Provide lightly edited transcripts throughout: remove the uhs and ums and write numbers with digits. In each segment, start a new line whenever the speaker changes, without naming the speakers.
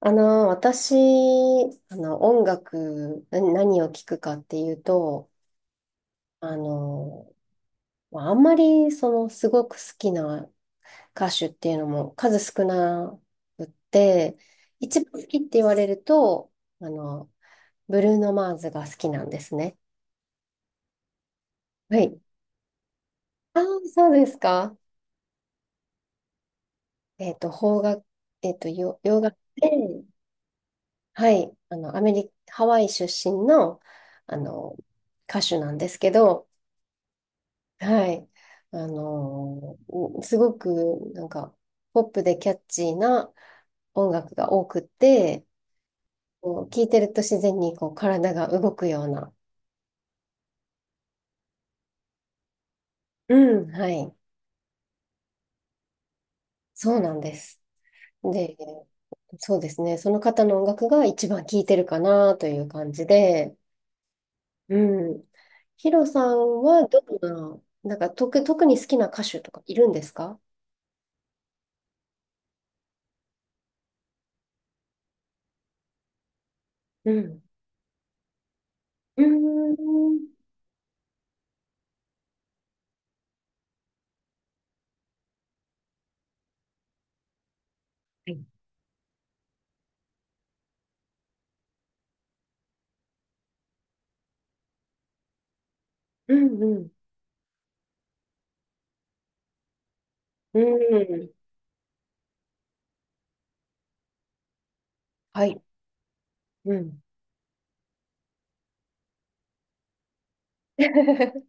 私、音楽、何を聴くかっていうと、あの、まああんまり、すごく好きな歌手っていうのも数少なくって、一番好きって言われると、あの、ブルーノ・マーズが好きなんですね。はい。ああ、そうですか。邦楽、洋楽で、はい、アメリカ、ハワイ出身の、あの、歌手なんですけど、はい。すごくなんかポップでキャッチーな音楽が多くて、こう聴いてると自然にこう体が動くような。うん、はい。そうなんです。で、そうですね。その方の音楽が一番聴いてるかなという感じで、うん。ヒロさんはどんな、なんか特に好きな歌手とかいるんですか？うん。うーん。はい。うんうん。うん。はい。うん。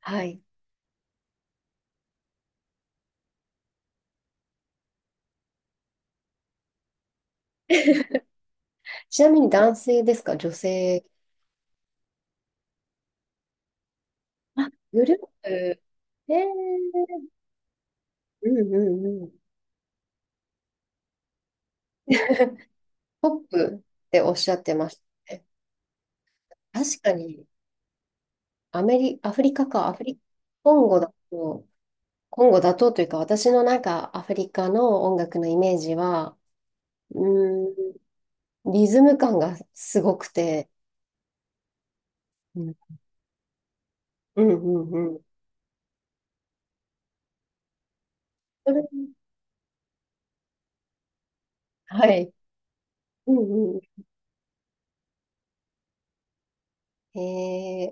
はい。ちなみに男性ですか、女性？あ、グループ、えー、うんうんうん。ポップっておっしゃってましたね。確かに、アフリカか、アフリ、コンゴだと、コンゴだとというか、私のなんかアフリカの音楽のイメージは、うーん、リズム感がすごくて、うんうんうんうん。それはい。うんうん。え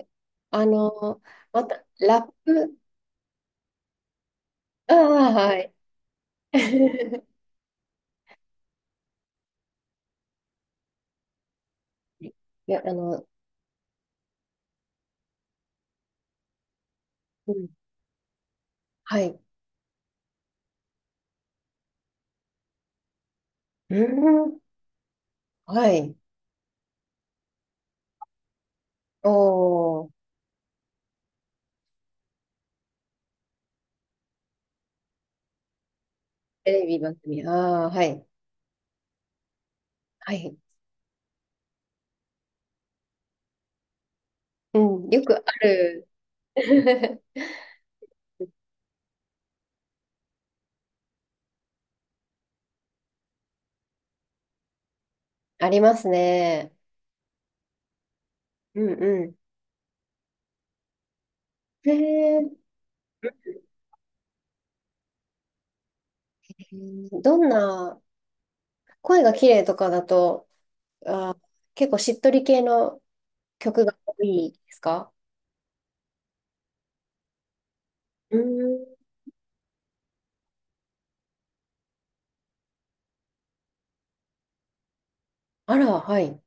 ー、あの、また、ラップ、ああ、はい。いや、うん、はい。うん、はい。おー、テレビ番組。ああ、はい。はい。うん、よくある。ありますね。うんうん。へー、どんな、声が綺麗とかだと、あー、結構しっとり系の曲が多いですか？うーん。あら、はい。え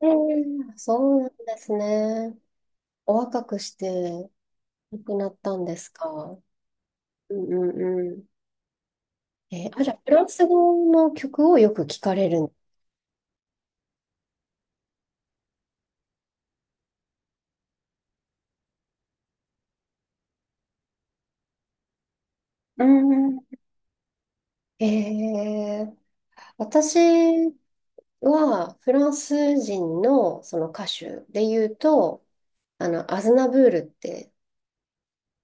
ー、そうなんですね。お若くして亡くなったんですか？うんうんう。あ、じゃあ、フランス語の曲をよく聞かれるん。んうん。うん。私はフランス人のその歌手で言うと、アズナブールって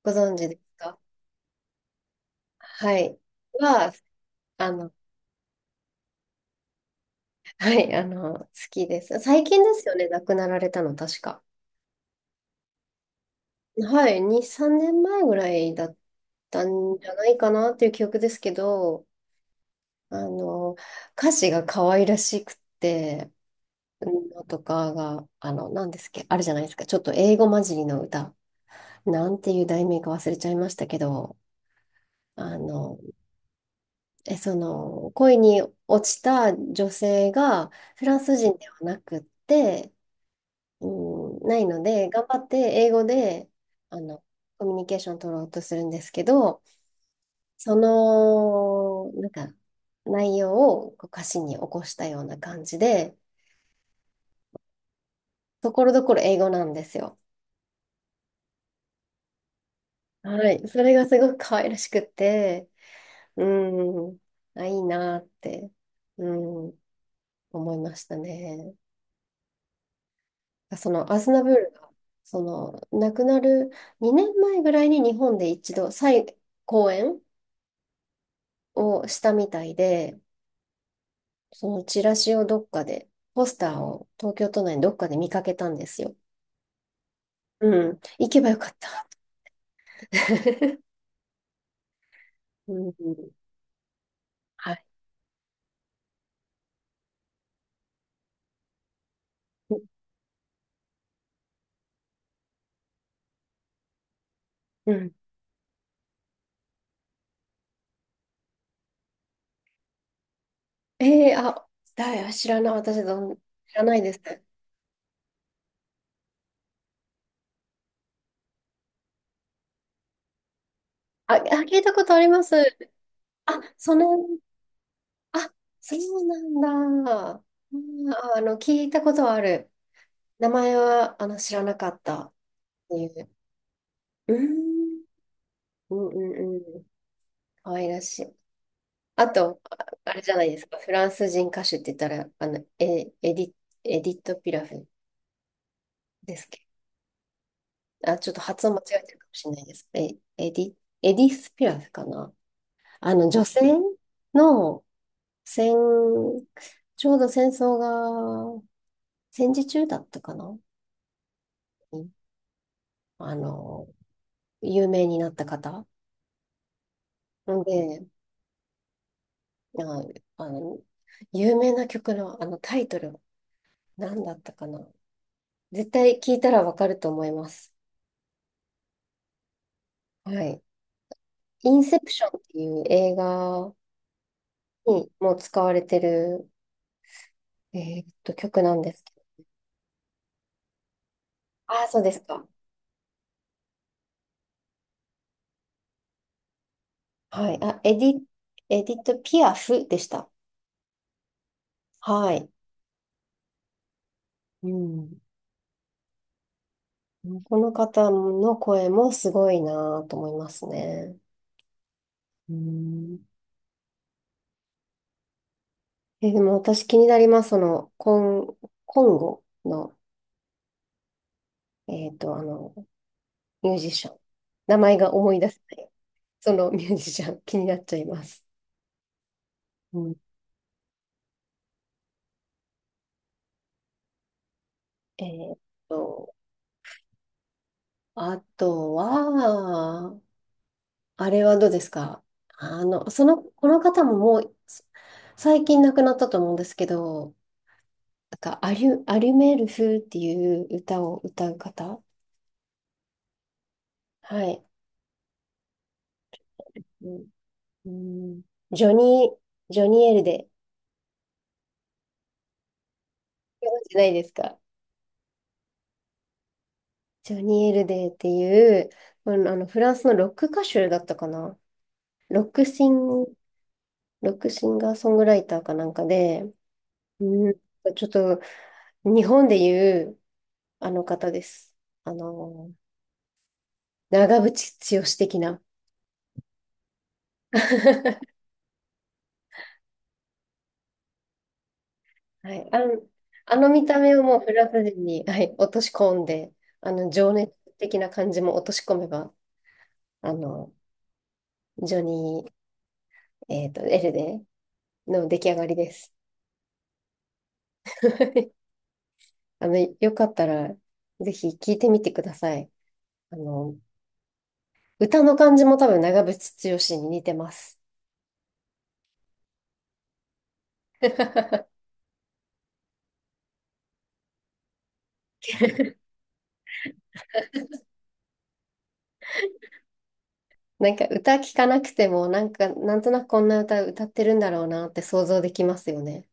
ご存知ですか？はい。は、あの、はい、好きです。最近ですよね、亡くなられたの、確か。はい、2、3年前ぐらいだったんじゃないかなっていう記憶ですけど、あの、歌詞が可愛らしくて、うんのとかが、何ですっけ、あるじゃないですか。ちょっと英語混じりの歌。なんていう題名か忘れちゃいましたけど、あの、その、恋に落ちた女性がフランス人ではなくって、うん、ないので、頑張って英語で、あの、コミュニケーション取ろうとするんですけど、その、内容をこう歌詞に起こしたような感じで、ところどころ英語なんですよ。はい。それがすごく可愛らしくて、うん。あ、いいなって、うん、思いましたね。その、アズナブールが、亡くなる2年前ぐらいに日本で一度、再公演をしたみたいで、そのチラシをどっかで、ポスターを東京都内のどっかで見かけたんですよ。うん。行けばよかった。うん。はい。うん。ええ、あ、だい、知らない、私どん、知らないです。あ、あ、聞いたことあります。あ、あ、そうなんだ。あ、聞いたことはある。名前は、知らなかったっていう。うーん、うんうんうん。可愛らしい。あと、ああれじゃないですか。フランス人歌手って言ったら、エディット・ピラフですけど。あ、ちょっと発音間違えてるかもしれないです。エディ、エディス・ピラフかな。あの、女性の戦、ちょうど戦争が戦時中だったかな。うん。あの、有名になった方。んで、ああの、有名な曲のあのタイトル、何だったかな。絶対聞いたらわかると思います。はい。インセプションっていう映画にも使われてる、曲なんですけど。ああ、そうですか。はい。あ、エディット・ピアフでした。はい。うん。この方の声もすごいなと思いますね。うん。でも私気になります。その、ン、コンゴの、えっと、あの、ミュージシャン。名前が思い出せない。そのミュージシャン、気になっちゃいます。うん。えっと、あとは、あれはどうですか？この方ももう、最近亡くなったと思うんですけど、なんか、アリュメール風っていう歌を歌う方。はい。うんうん、ジョニジョニー・エルデ。ご存知ないですか？ジョニー・エルデっていう、まあの、あのフランスのロック歌手だったかな。ロックシン、ロックシンガーソングライターかなんかで、うん、ちょっと日本でいうあの方です。あの、長渕剛的な。はい。あの見た目をもうフランス人に、はい、落とし込んで、情熱的な感じも落とし込めば、あの、ジョニー、エルデの出来上がりです。よかったら、ぜひ聞いてみてください。あの、歌の感じも多分長渕剛に似てます。なんか歌聞かなくても、なんか、なんとなくこんな歌歌ってるんだろうなって想像できますよね。